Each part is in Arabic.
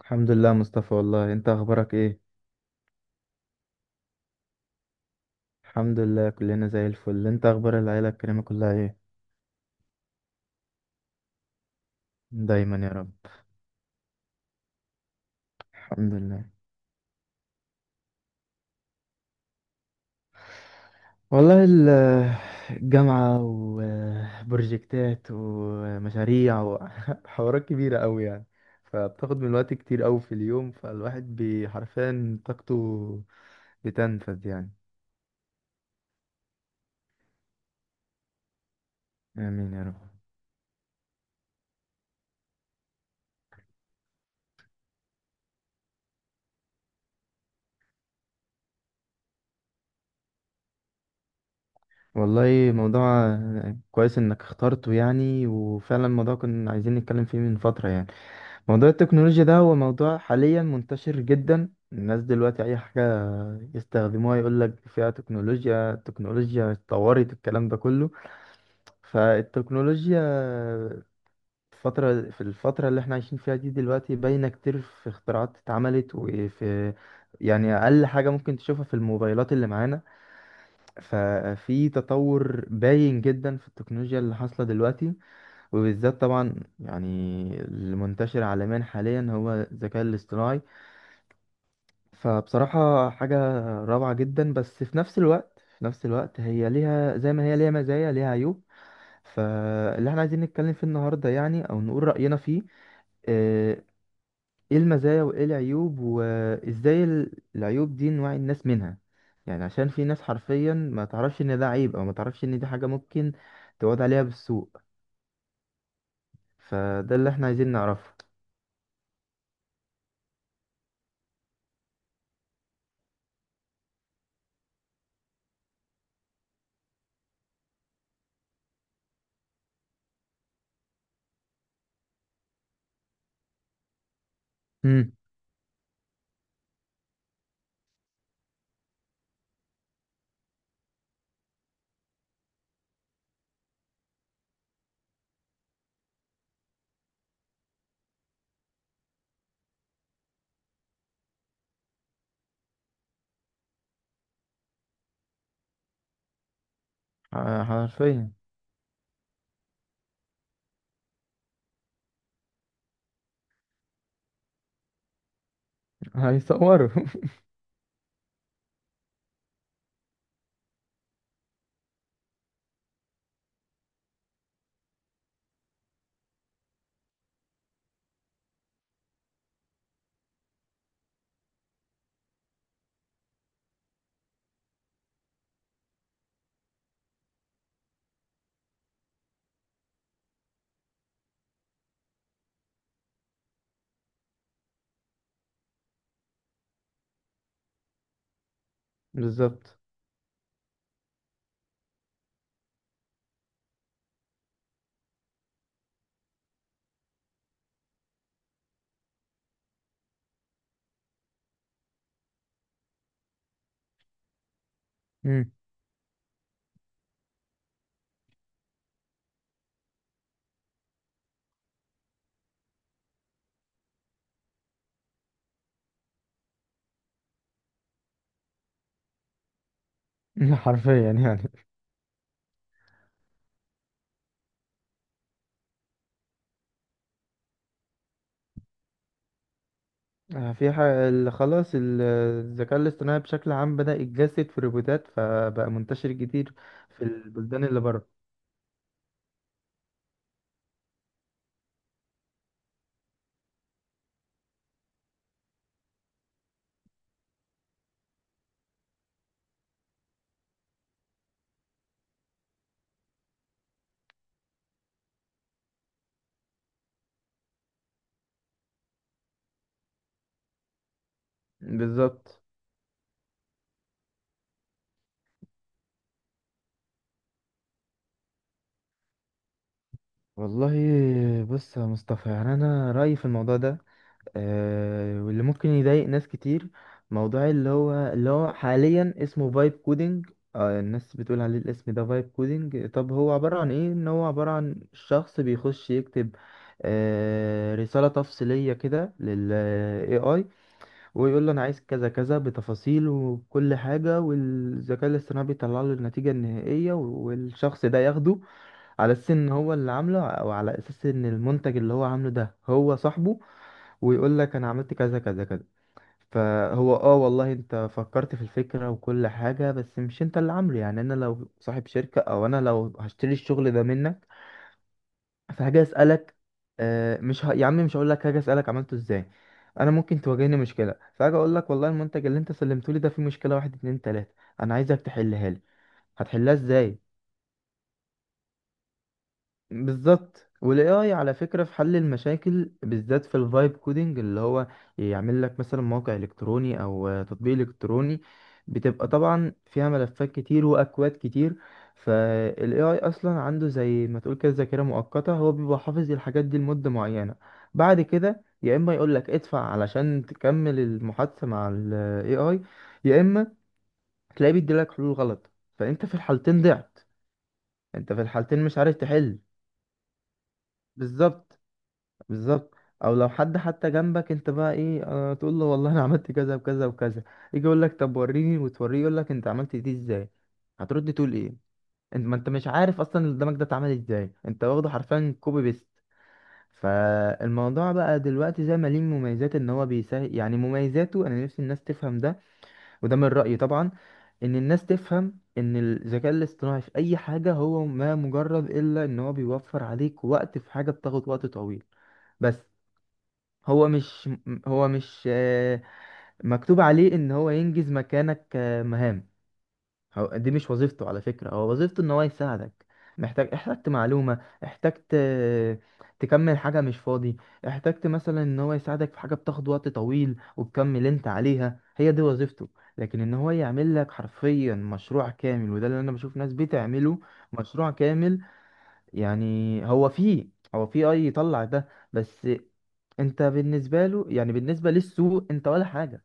الحمد لله، مصطفى. والله انت اخبارك ايه؟ الحمد لله، كلنا زي الفل. انت اخبار العيله الكريمه كلها ايه؟ دايما يا رب. الحمد لله. والله الجامعه وبروجكتات ومشاريع وحوارات كبيره قوي يعني، فبتاخد من الوقت كتير قوي في اليوم، فالواحد حرفيا طاقته بتنفذ يعني. امين يا رب. والله موضوع كويس انك اخترته، يعني وفعلا الموضوع كنا عايزين نتكلم فيه من فتره يعني. موضوع التكنولوجيا ده هو موضوع حاليا منتشر جدا، الناس دلوقتي اي حاجة يستخدموها يقول لك فيها تكنولوجيا. التكنولوجيا اتطورت، الكلام ده كله. فالتكنولوجيا في الفترة اللي احنا عايشين فيها دي دلوقتي باينة كتير، في اختراعات اتعملت، وفي يعني اقل حاجة ممكن تشوفها في الموبايلات اللي معانا. ففي تطور باين جدا في التكنولوجيا اللي حاصلة دلوقتي، وبالذات طبعا يعني المنتشر عالميا حاليا هو الذكاء الاصطناعي. فبصراحة حاجة روعة جدا، بس في نفس الوقت هي ليها زي ما هي ليها مزايا ليها عيوب. فاللي احنا عايزين نتكلم فيه النهاردة يعني أو نقول رأينا فيه، آه، ايه المزايا وايه العيوب، وازاي العيوب دي نوعي الناس منها. يعني عشان في ناس حرفيا ما تعرفش ان ده عيب، او ما تعرفش ان دي حاجة ممكن تعود عليها بالسوء. فده اللي احنا عايزين نعرفه. امم. حرفيا. هيصوروا. بالظبط. امم. حرفيا يعني. في حاجة خلاص الذكاء الاصطناعي بشكل عام بدأ يتجسد في روبوتات، فبقى منتشر كتير في البلدان اللي بره. بالظبط. والله بص يا مصطفى، يعني أنا رأيي في الموضوع ده، واللي ممكن يضايق ناس كتير، موضوع اللي هو حاليا اسمه فايب كودينج. الناس بتقول عليه الاسم ده فايب كودينج. طب هو عبارة عن ايه؟ ان هو عبارة عن شخص بيخش يكتب رسالة تفصيلية كده لل AI، ويقول له انا عايز كذا كذا بتفاصيل وكل حاجه، والذكاء الاصطناعي بيطلع له النتيجه النهائيه، والشخص ده ياخده على اساس ان هو اللي عامله، او على اساس ان المنتج اللي هو عامله ده هو صاحبه، ويقول لك انا عملت كذا كذا كذا. فهو والله انت فكرت في الفكره وكل حاجه، بس مش انت اللي عامله يعني. انا لو صاحب شركه، او انا لو هشتري الشغل ده منك، في حاجة أسألك. مش ه... يا عم مش هقول لك حاجة أسألك عملته ازاي. انا ممكن تواجهني مشكلة، فاجي اقول لك والله المنتج اللي انت سلمته لي ده فيه مشكلة واحد اتنين تلاتة، انا عايزك تحلها لي. هتحلها ازاي؟ بالظبط. والاي اي على فكره في حل المشاكل، بالذات في الفايب كودينج اللي هو يعمل لك مثلا موقع الكتروني او تطبيق الكتروني، بتبقى طبعا فيها ملفات كتير واكواد كتير، فالاي اي اصلا عنده زي ما تقول كده ذاكره مؤقته، هو بيبقى حافظ الحاجات دي لمده معينه. بعد كده يا اما يقول لك ادفع علشان تكمل المحادثه مع الاي اي، يا اما تلاقيه بيديلك حلول غلط، فانت في الحالتين ضعت. انت في الحالتين مش عارف تحل. بالظبط. بالظبط. او لو حد حتى جنبك، انت بقى ايه تقول له والله انا عملت كذا وكذا وكذا، يجي يقول لك طب وريني، وتوريه يقول لك انت عملت دي ازاي، هترد تقول ايه؟ ما انت مش عارف اصلا اللي قدامك ده اتعمل ازاي، انت واخده حرفيا كوبي بيست. فالموضوع بقى دلوقتي زي ما ليه مميزات ان هو بيسهل، يعني مميزاته انا نفسي الناس تفهم ده. وده من رأيي طبعا، ان الناس تفهم ان الذكاء الاصطناعي في اي حاجة هو ما مجرد الا ان هو بيوفر عليك وقت في حاجة بتاخد وقت طويل. بس هو مش مكتوب عليه ان هو ينجز مكانك مهام. هو دي مش وظيفته على فكرة. هو وظيفته ان هو يساعدك. محتاج، احتجت معلومة، احتجت تكمل حاجة مش فاضي، احتجت مثلا ان هو يساعدك في حاجة بتاخد وقت طويل وتكمل انت عليها. هي دي وظيفته. لكن ان هو يعمل لك حرفيا مشروع كامل، وده اللي انا بشوف ناس بتعمله، مشروع كامل، يعني هو فيه هو فيه اي يطلع ده بس انت بالنسبه له، يعني بالنسبه للسوق، انت ولا حاجه.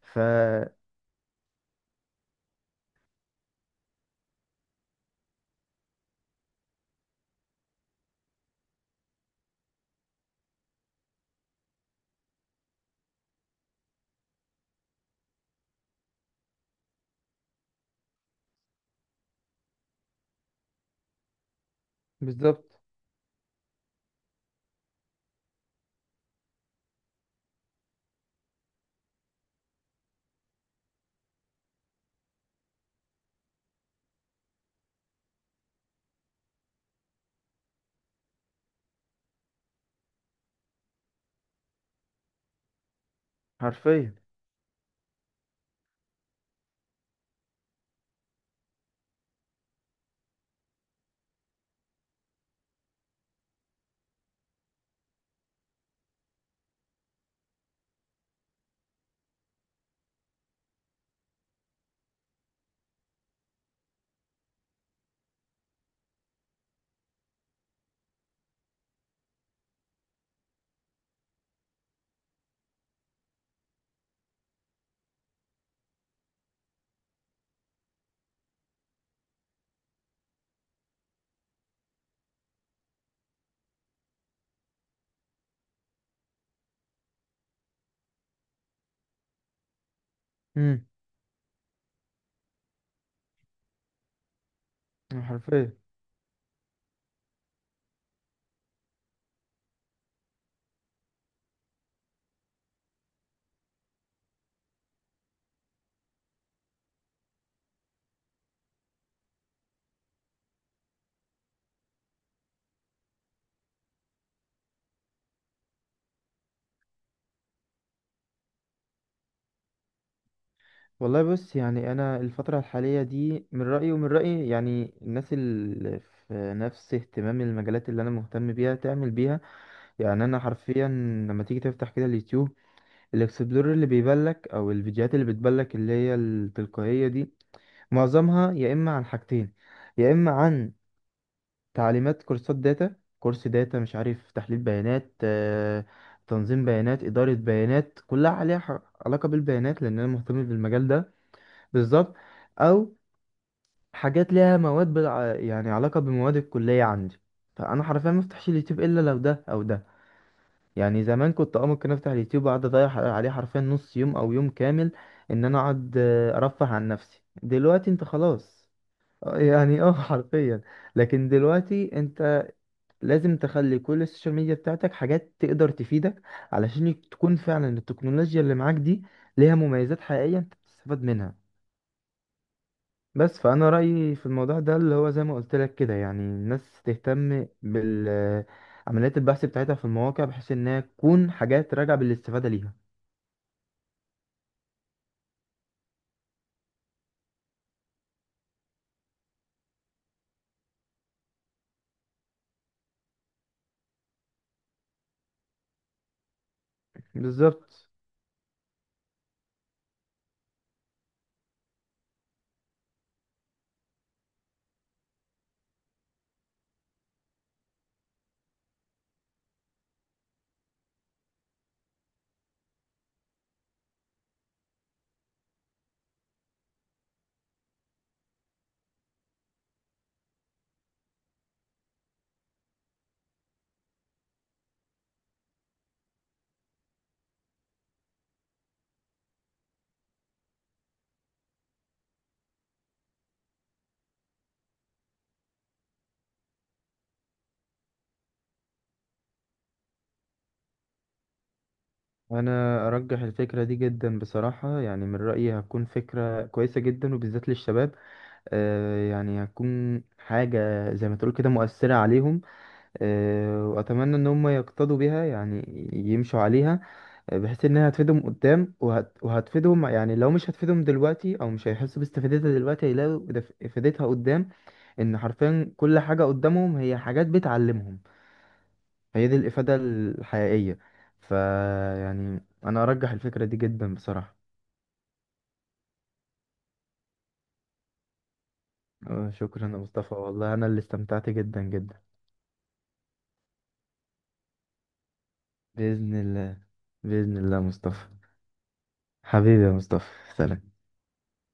ف بالظبط. حرفيا. امم. حرفيا. والله بص، يعني انا الفتره الحاليه دي من رايي ومن راي، يعني الناس اللي في نفس اهتمام المجالات اللي انا مهتم بيها تعمل بيها. يعني انا حرفيا لما تيجي تفتح كده اليوتيوب، الاكسبلور اللي بيبلك او الفيديوهات اللي بتبلك اللي هي التلقائيه دي، معظمها يا اما عن حاجتين. يا اما عن تعليمات كورسات داتا، كورس داتا مش عارف تحليل بيانات، تنظيم بيانات، إدارة بيانات، كلها عليها علاقة بالبيانات، لأن أنا مهتم بالمجال ده. بالظبط. أو حاجات ليها مواد يعني علاقة بمواد الكلية عندي. فأنا حرفيا ما افتحش اليوتيوب إلا لو ده أو ده. يعني زمان كنت ممكن افتح اليوتيوب واقعد اضيع عليه حرفيا نص يوم او يوم كامل، ان انا اقعد ارفه عن نفسي. دلوقتي انت خلاص. يعني حرفيا. لكن دلوقتي انت لازم تخلي كل السوشيال ميديا بتاعتك حاجات تقدر تفيدك، علشان تكون فعلا التكنولوجيا اللي معاك دي ليها مميزات حقيقية انت بتستفاد منها. بس فأنا رأيي في الموضوع ده اللي هو زي ما قلت لك كده، يعني الناس تهتم بال عمليات البحث بتاعتها في المواقع، بحيث انها تكون حاجات راجعة بالاستفادة ليها. بالظبط. انا ارجح الفكرة دي جدا بصراحة، يعني من رأيي هتكون فكرة كويسة جدا، وبالذات للشباب. يعني هتكون حاجة زي ما تقول كده مؤثرة عليهم. واتمنى ان هم يقتدوا بيها، يعني يمشوا عليها، بحيث انها هتفيدهم قدام وهتفيدهم. يعني لو مش هتفيدهم دلوقتي او مش هيحسوا باستفادتها دلوقتي، هيلاقوا افادتها قدام، ان حرفيا كل حاجة قدامهم هي حاجات بتعلمهم. فهي دي الافادة الحقيقية. ف يعني انا ارجح الفكرة دي جدا بصراحة. شكرا يا مصطفى. والله انا اللي استمتعت جدا جدا. بإذن الله. بإذن الله يا مصطفى. حبيبي يا مصطفى. سلام.